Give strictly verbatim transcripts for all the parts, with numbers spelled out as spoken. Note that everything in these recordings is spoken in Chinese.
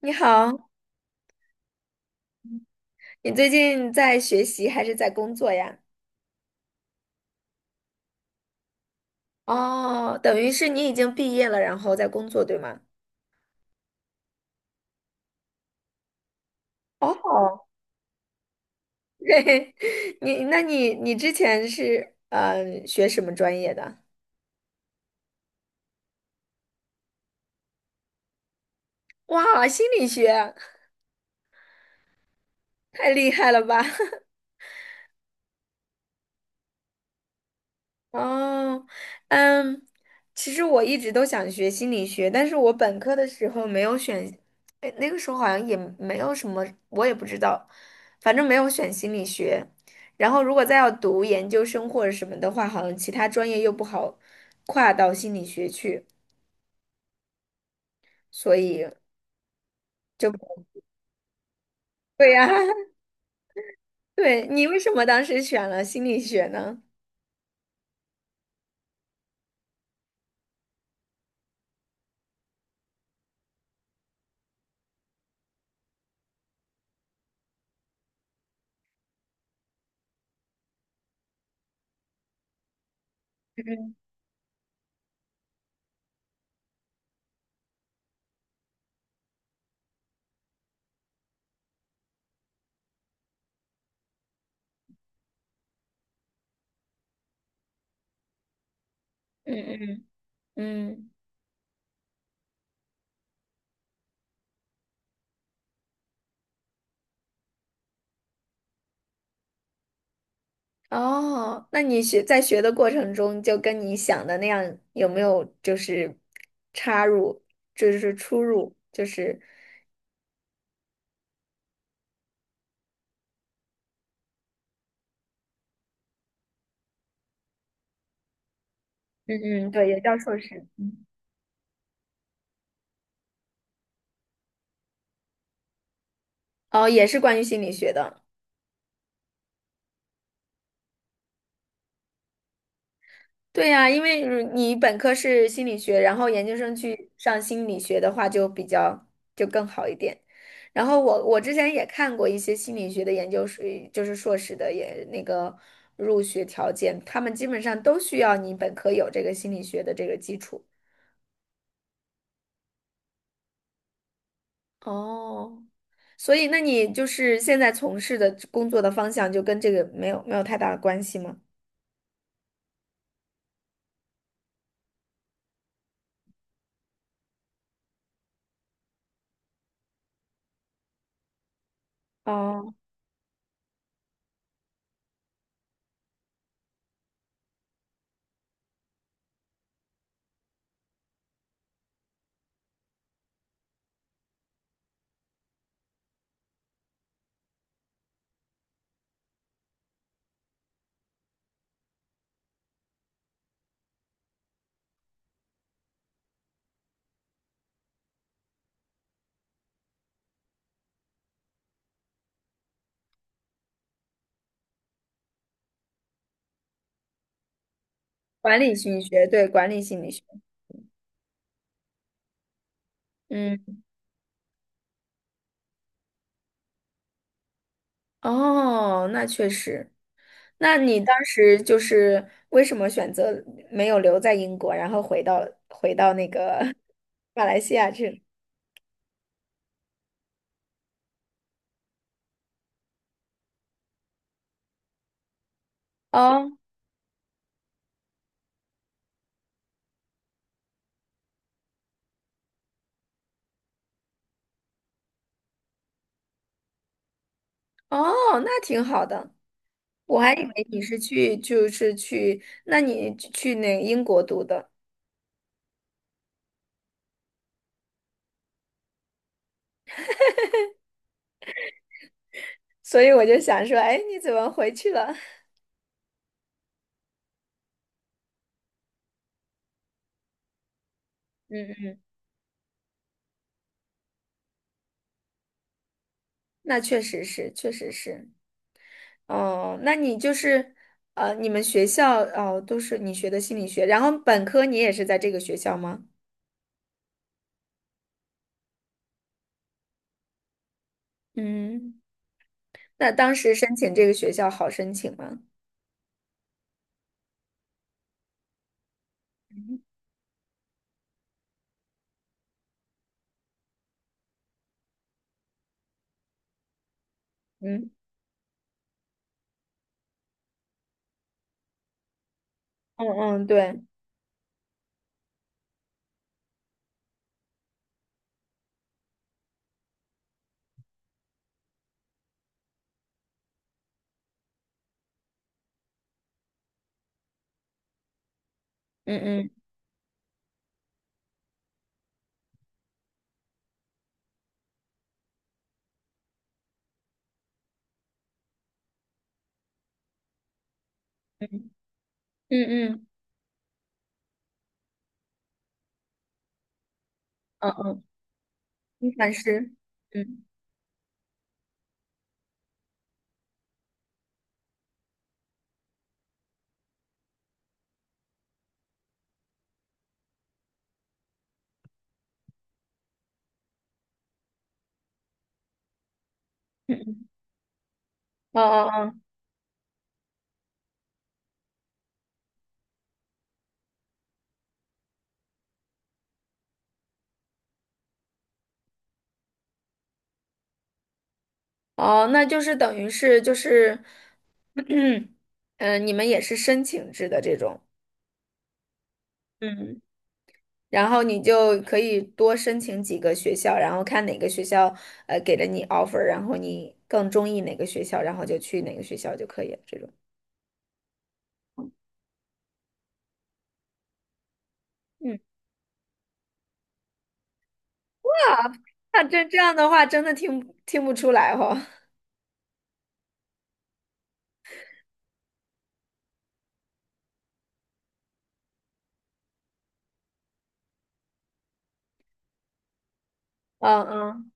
你好，你最近在学习还是在工作呀？哦，等于是你已经毕业了，然后在工作，对吗？哦，嘿你那你你之前是呃学什么专业的？哇，心理学，太厉害了吧！哦，嗯，其实我一直都想学心理学，但是我本科的时候没有选。哎，那个时候好像也没有什么，我也不知道，反正没有选心理学。然后如果再要读研究生或者什么的话，好像其他专业又不好跨到心理学去，所以就，对呀，对，你为什么当时选了心理学呢？嗯嗯嗯。哦，那你学在学的过程中，就跟你想的那样，有没有就是插入，就是出入，就是嗯嗯，对，也叫硕士，嗯，哦，也是关于心理学的。对呀，因为如你本科是心理学，然后研究生去上心理学的话，就比较就更好一点。然后我我之前也看过一些心理学的研究生，就是硕士的也那个入学条件，他们基本上都需要你本科有这个心理学的这个基础。哦，所以那你就是现在从事的工作的方向就跟这个没有没有太大的关系吗？哦，管理心理学，对，管理心理学。嗯，哦，那确实。那你当时就是为什么选择没有留在英国，然后回到回到那个 马来西亚去了。哦哦，那挺好的。我还以为你是去就是去，那你去去那英国读的，所以我就想说，哎，你怎么回去了？嗯。那确实是，确实是。哦，那你就是，呃，你们学校哦，都是你学的心理学，然后本科你也是在这个学校吗？嗯，那当时申请这个学校好申请吗？嗯嗯嗯嗯，对，嗯嗯嗯嗯嗯嗯嗯，你反是，嗯嗯嗯，哦哦哦，哦，那就是等于是就是，嗯，呃你们也是申请制的这种，嗯。然后你就可以多申请几个学校，然后看哪个学校呃给了你 offer，然后你更中意哪个学校，然后就去哪个学校就可以了。这种，嗯，啊，那这这样的话，真的听不听不出来哈。嗯嗯，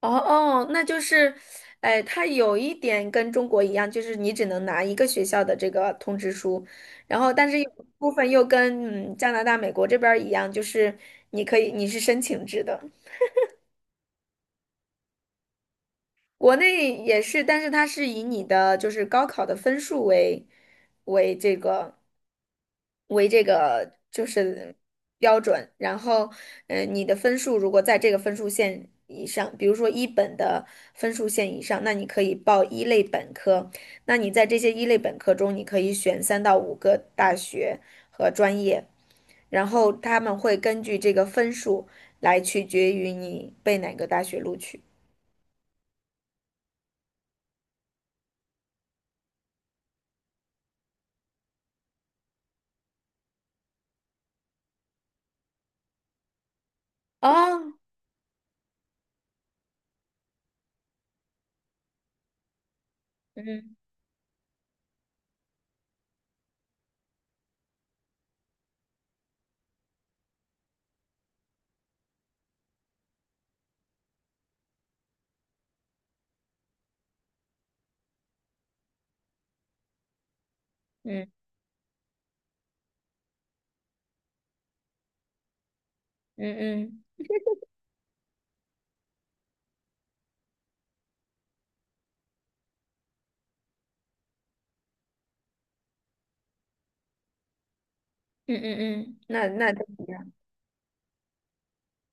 哦哦，那就是，哎，它有一点跟中国一样，就是你只能拿一个学校的这个通知书，然后但是有部分又跟嗯加拿大、美国这边儿一样，就是你可以你是申请制的。国内也是，但是它是以你的就是高考的分数为为这个为这个就是标准，然后嗯、呃你的分数如果在这个分数线以上，比如说一本的分数线以上，那你可以报一类本科。那你在这些一类本科中，你可以选三到五个大学和专业，然后他们会根据这个分数来取决于你被哪个大学录取。哦，嗯嗯嗯嗯嗯嗯嗯，那那都一样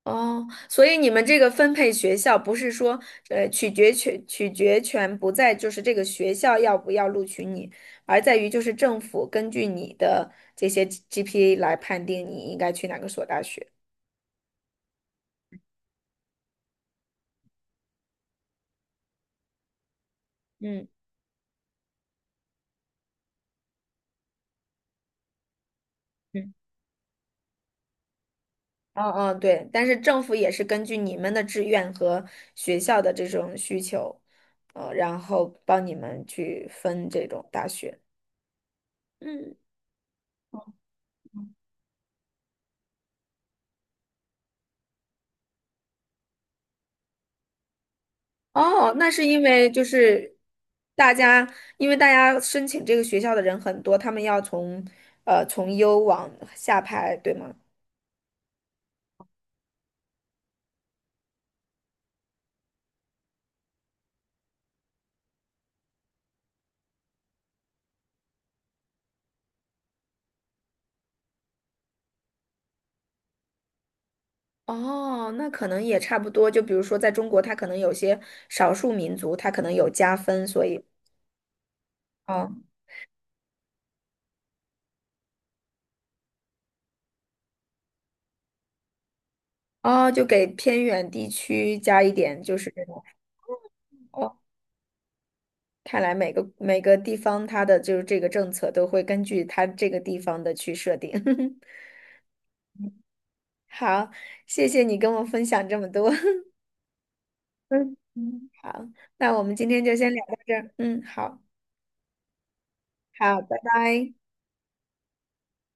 哦。所以你们这个分配学校不是说，呃，取决权取决权不在就是这个学校要不要录取你，而在于就是政府根据你的这些 G P A 来判定你应该去哪个所大学。嗯嗯嗯嗯，对。但是政府也是根据你们的志愿和学校的这种需求，呃，然后帮你们去分这种大学。嗯。哦，那是因为就是大家，因为大家申请这个学校的人很多，他们要从呃从优往下排，对吗？哦，那可能也差不多。就比如说，在中国，他可能有些少数民族，他可能有加分，所以哦哦，就给偏远地区加一点，就是这种。哦，看来每个每个地方它的就是这个政策都会根据它这个地方的去设定。好，谢谢你跟我分享这么多。嗯嗯，好，那我们今天就先聊到这儿。嗯，好，好，拜拜。